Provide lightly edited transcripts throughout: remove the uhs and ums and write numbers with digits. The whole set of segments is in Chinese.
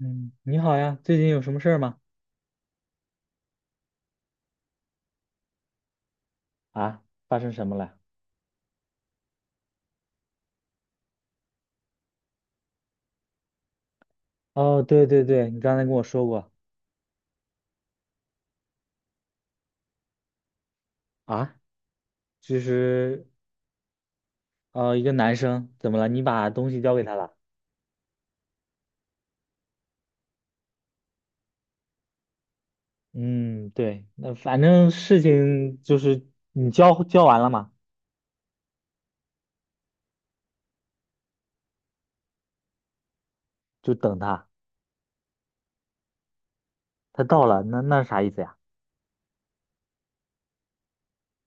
嗯，你好呀，最近有什么事儿吗？啊，发生什么了？哦，对对对，你刚才跟我说过。啊，就是一个男生怎么了？你把东西交给他了？嗯，对，那反正事情就是你交完了嘛，就等他。他到了，那是啥意思呀？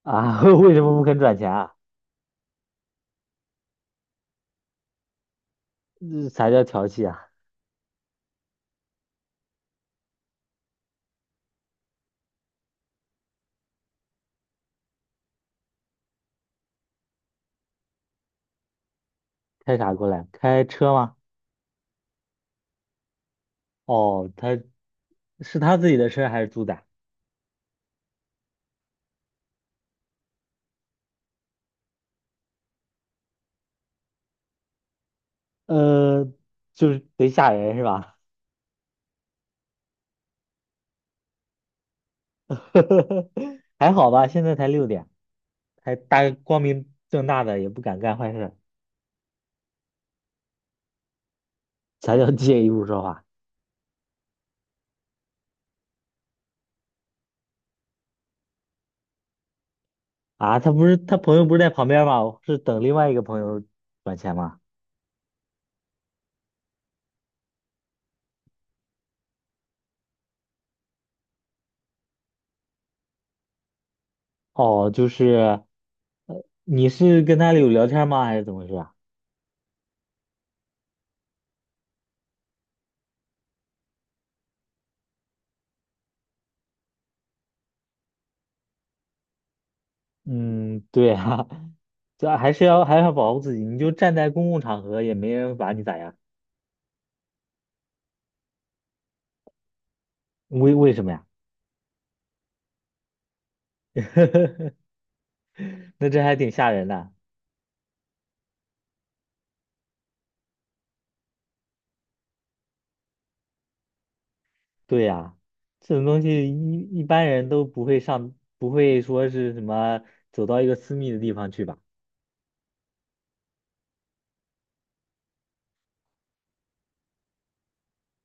啊，为什么不肯转钱啊？这啥叫调戏啊？开啥过来？开车吗？哦，他是他自己的车还是租的？呃，就是贼吓人是吧？还好吧，现在才六点，还大光明正大的也不敢干坏事，才叫借一步说话啊！他不是他朋友不是在旁边吗？是等另外一个朋友转钱吗？哦，就是你是跟他有聊天吗？还是怎么回事啊？嗯 对啊，这还是要保护自己，你就站在公共场合也没人把你咋样。为什么呀？那这还挺吓人的。对呀，这种东西一般人都不会上，不会说是什么走到一个私密的地方去吧？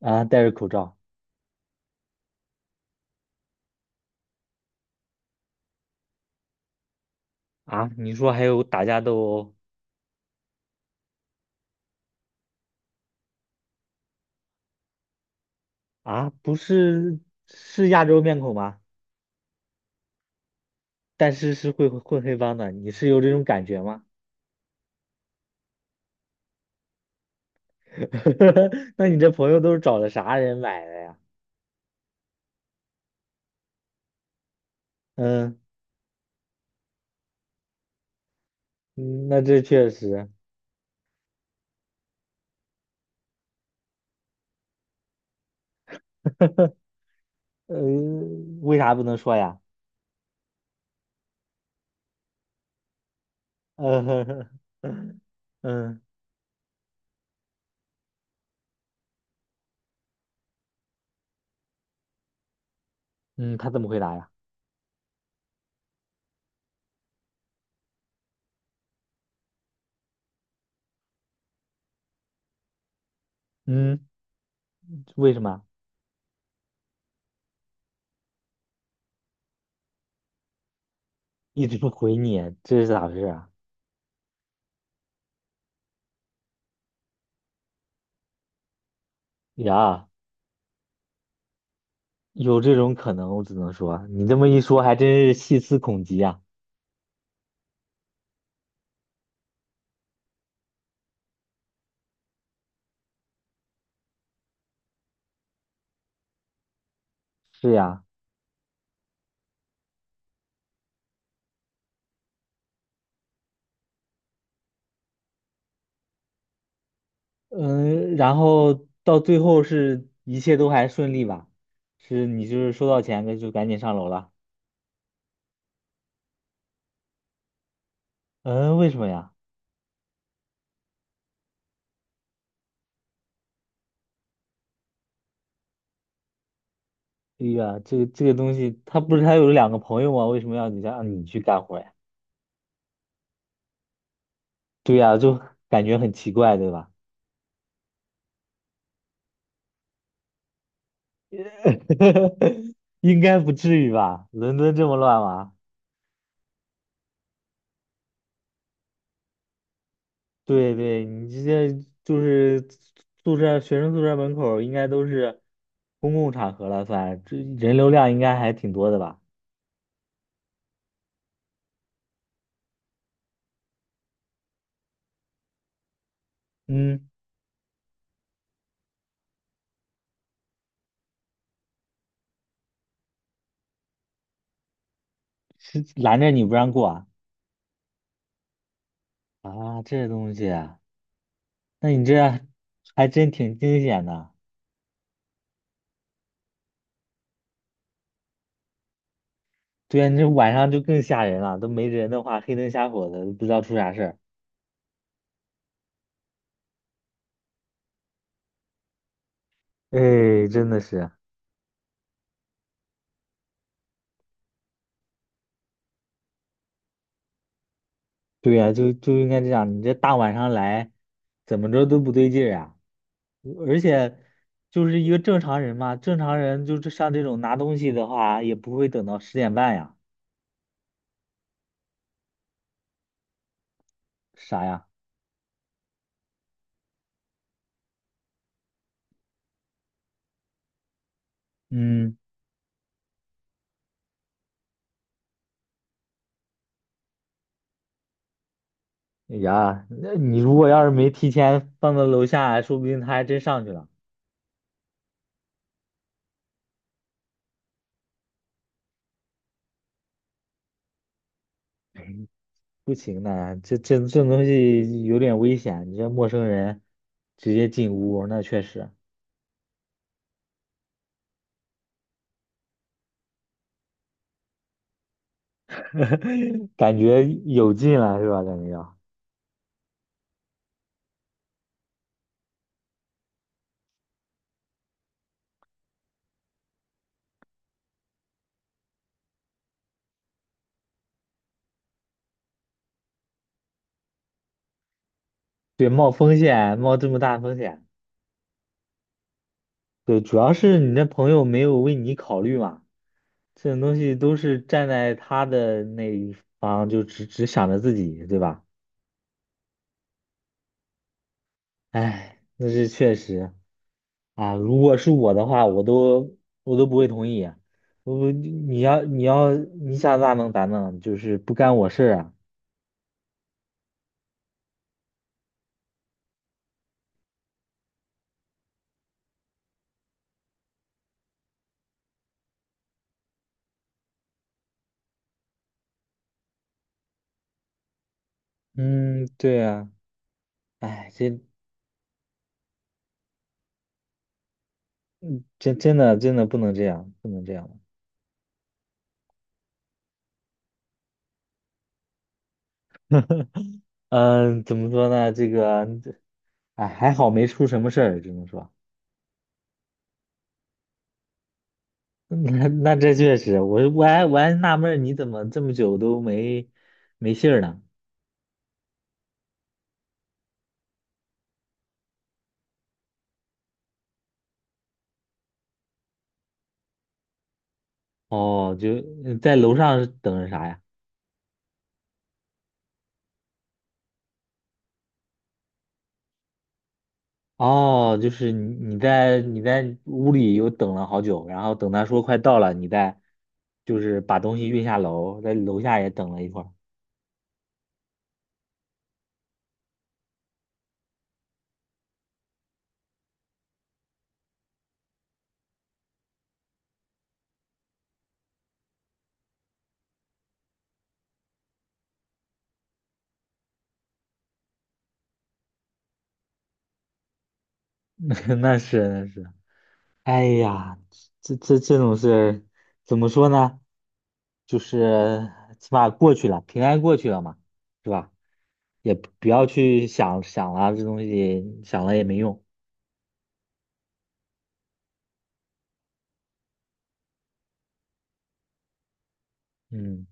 啊，戴着口罩。啊，你说还有打架斗殴啊？不是，是亚洲面孔吗？但是是会混黑帮的，你是有这种感觉吗？那你这朋友都是找的啥人买的呀？嗯，嗯那这确实。呃，为啥不能说呀？嗯嗯，他怎么回答呀？嗯，为什么？一直不回你，这是咋回事啊？呀，有这种可能，我只能说，你这么一说，还真是细思恐极啊。是呀，嗯，然后到最后是一切都还顺利吧？是你就是收到钱那就赶紧上楼了？嗯，为什么呀？哎呀，这个东西，他不是还有两个朋友吗？为什么要你让你去干活呀？对呀，就感觉很奇怪，对吧？应该不至于吧？伦敦这么乱吗？对对，你这些就是宿舍学生宿舍门口儿应该都是公共场合了算，这人流量应该还挺多的吧？嗯，是拦着你不让过啊？啊，这东西啊，那你这还真挺惊险的。对呀，你这晚上就更吓人了，都没人的话，黑灯瞎火的，都不知道出啥事儿。哎，真的是，对呀，就应该这样，你这大晚上来，怎么着都不对劲儿啊。而且就是一个正常人嘛，正常人就是像这种拿东西的话，也不会等到十点半呀。啥呀？嗯，哎呀，那你如果要是没提前放到楼下，说不定他还真上去了。不行的，这东西有点危险，你这陌生人直接进屋，那确实 感觉有劲了，是吧？感觉要对冒风险，冒这么大风险。对，主要是你那朋友没有为你考虑嘛。这种东西都是站在他的那一方，就只想着自己，对吧？哎，那是确实啊。如果是我的话，我都不会同意啊。我你要你想咋弄咋弄，就是不干我事儿啊。嗯，对啊。哎，这真的不能这样，不能这样。嗯，怎么说呢？这个，哎，还好没出什么事儿，只能说。那那这确实，我我还我还纳闷儿你怎么这么久都没信儿呢？哦，就在楼上是等着啥呀？哦，就是你在屋里又等了好久，然后等他说快到了，你再就是把东西运下楼，在楼下也等了一会儿。那是那是，哎呀，这种事儿怎么说呢？就是起码过去了，平安过去了嘛，是吧？也不要去想了，这东西想了也没用。嗯。